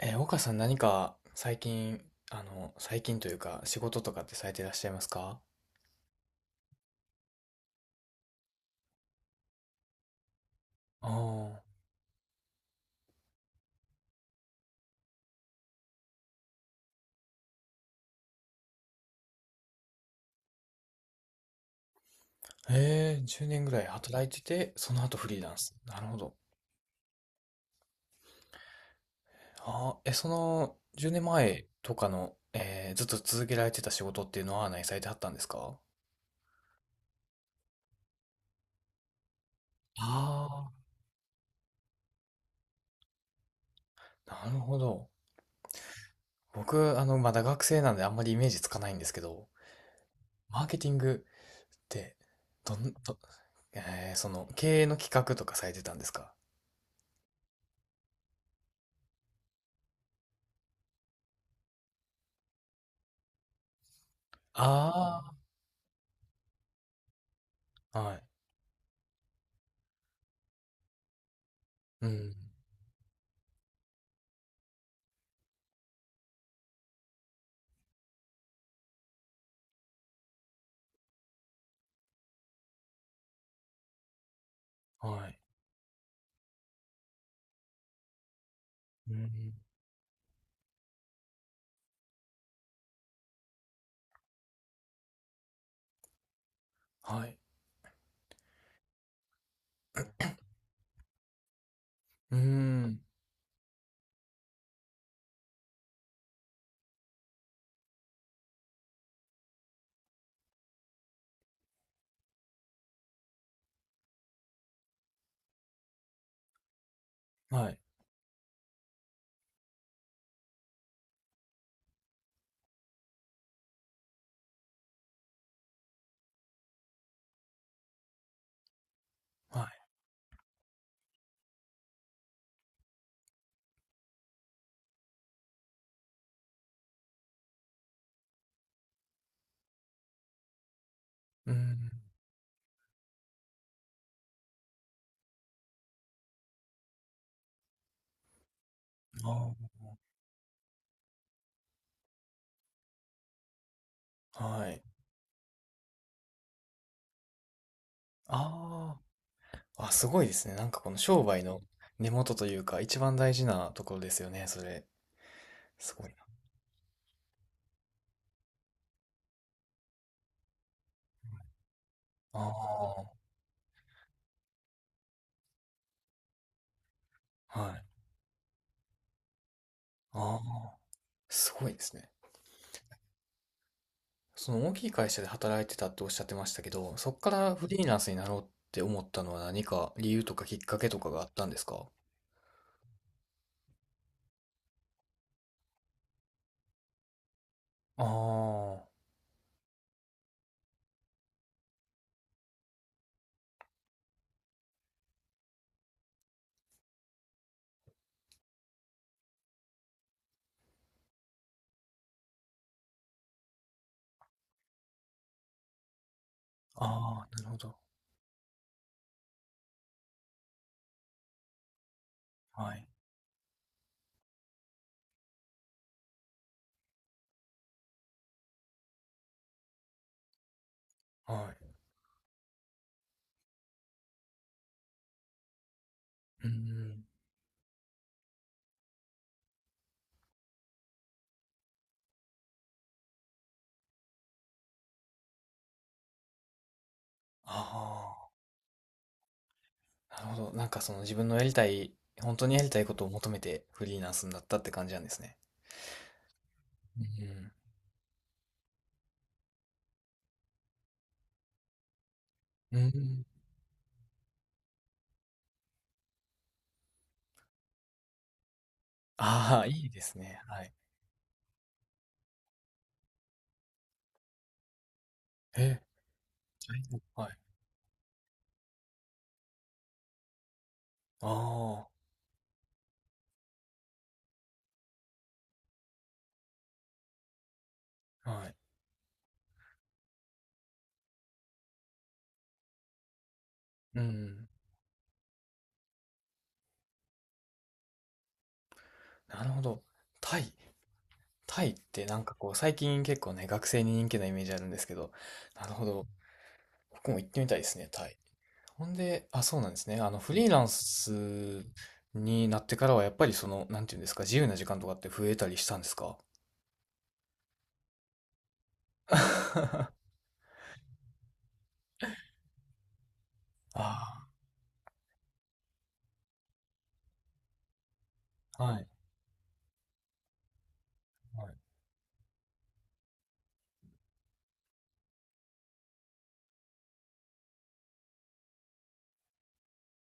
岡さん何か最近、最近というか仕事とかってされていらっしゃいますか？ああー、10年ぐらい働いてて、その後フリーランス。なるほど。ああ、え、その10年前とかの、ずっと続けられてた仕事っていうのは何されてはったんですか？ああー、なるほど。僕、まだ学生なんであんまりイメージつかないんですけど、マーケティングってどん、ど、その経営の企画とかされてたんですか？ああー、はい。うん、はい。うん、はい。うん、はい、はい。うん、ああ、はい。ああ、あ、すごいですね。なんかこの商売の根元というか、一番大事なところですよね、それ。すごいな。ああ、はい。ああ、すごいですね。その大きい会社で働いてたっておっしゃってましたけど、そっからフリーランスになろうって思ったのは何か理由とかきっかけとかがあったんですか？ああ、ああ、なるほど。はい、はい。うーん。ああ、なるほど。なんかその自分のやりたい、本当にやりたいことを求めてフリーランスになったって感じなんですね。うん。うん。ああ、いいですね。はい。え、タイのはい。ああ、はい。うん。なるほど。タイ、タイってなんかこう、最近結構ね、学生に人気なイメージあるんですけど、なるほど。僕も行ってみたいですね、タイ。ほんで、あ、そうなんですね。フリーランスになってからは、やっぱりその、なんていうんですか、自由な時間とかって増えたりしたんですか？あ あー、はい、はい。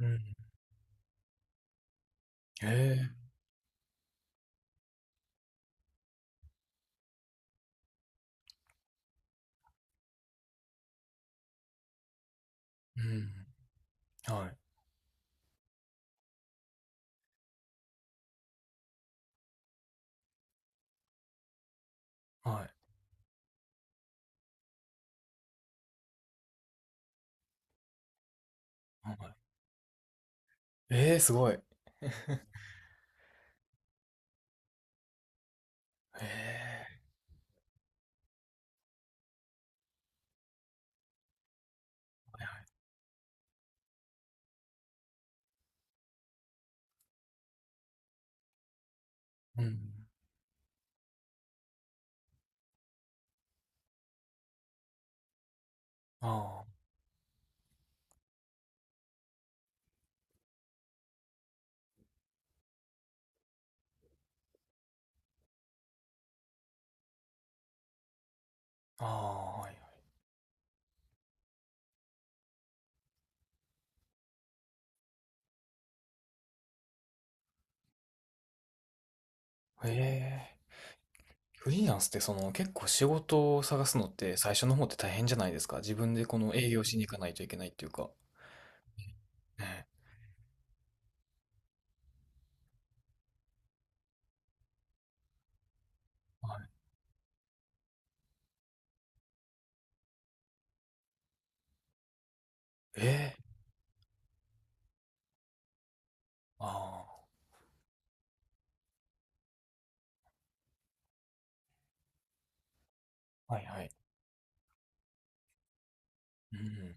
うん。へえ、うん。はい、はい、はい。ええ、すごい。へえ、うん。ああ、ああ、はいはい。へえ。うん。はい、はい、はい。ええ、すごい。へえ。うん。ああ、ああ。はい、はい。え、フリーランスってその結構仕事を探すのって最初の方って大変じゃないですか。自分でこの営業しに行かないといけないっていうか。ねえ、はい。ええ、ああ、はいはい。うん。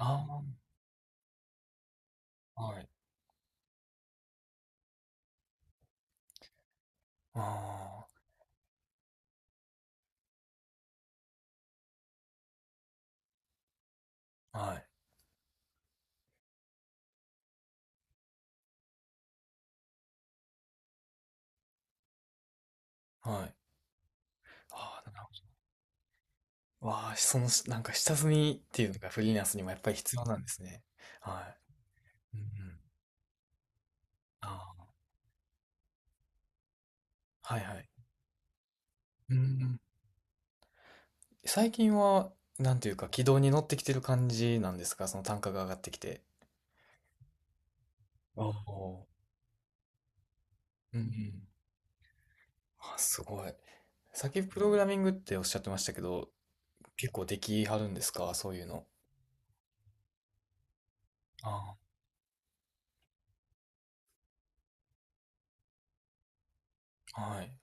ああ、はい。ああ、はい、はい。ああ、なるほど。わあ、そのなんか下積みっていうのがフリーランスにもやっぱり必要なんですね。はい。うんうん。ああ、はいはい。うんうん。最近は、なんていうか、軌道に乗ってきてる感じなんですか？その単価が上がってきて。ああ、うんうん。あ、すごい。さっきプログラミングっておっしゃってましたけど、結構できはるんですか？そういうの。ああ、はい。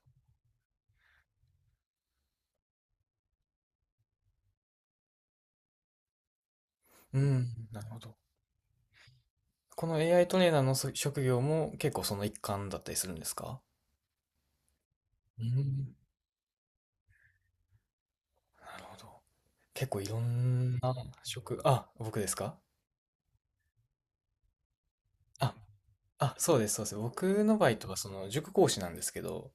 うん、なるほど。この AI トレーナーの職業も結構その一環だったりするんですか？うん、なるほど。結構いろんなあ、僕ですか？あ、あ、そうです、そうです。僕のバイトはその塾講師なんですけど、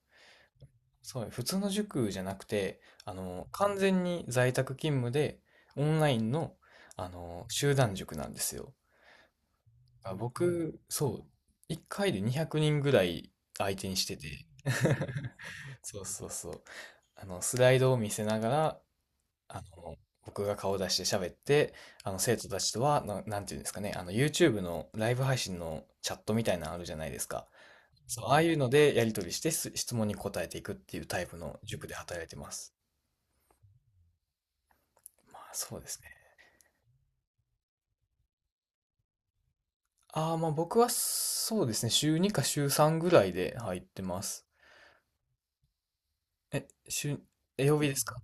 そう、普通の塾じゃなくて、完全に在宅勤務で、オンラインの、集団塾なんですよ。あ、僕、そう、1回で200人ぐらい相手にしてて、そうそうそう。スライドを見せながら、あの、僕が顔出して喋って、生徒たちとは、なんていうんですかね、YouTube のライブ配信のチャットみたいなのあるじゃないですか。そう、ああいうのでやり取りして質問に答えていくっていうタイプの塾で働いてます。まあ、そうですね。ああ、まあ僕はそうですね、週2か週3ぐらいで入ってます。え、え、曜日ですか？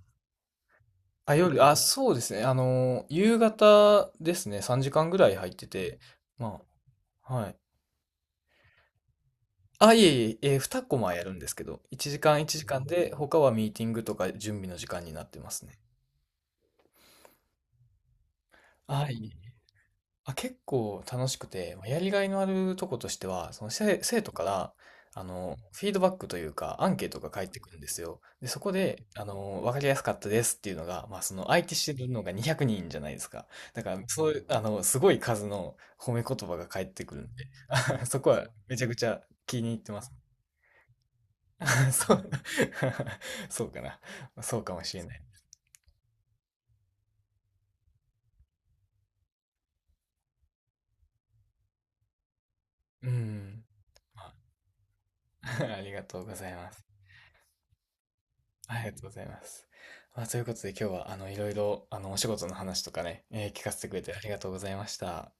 あ、夜、あ、そうですね、夕方ですね、3時間ぐらい入ってて、まあ、はい。あ、いえいえ、2コマやるんですけど、1時間1時間で、他はミーティングとか準備の時間になってますね。はい。あ、結構楽しくて、やりがいのあるとことしては、その生徒から、フィードバックというか、アンケートが返ってくるんですよ。で、そこで、わかりやすかったですっていうのが、まあ、その、相手してるのが200人じゃないですか。だから、そういう、すごい数の褒め言葉が返ってくるんで、そこはめちゃくちゃ気に入ってます。そう、そうかな。そうかもしれない。うん。まあ ありがとうございます。ありがとうございます。まあ、ということで今日はいろいろお仕事の話とかね、聞かせてくれてありがとうございました。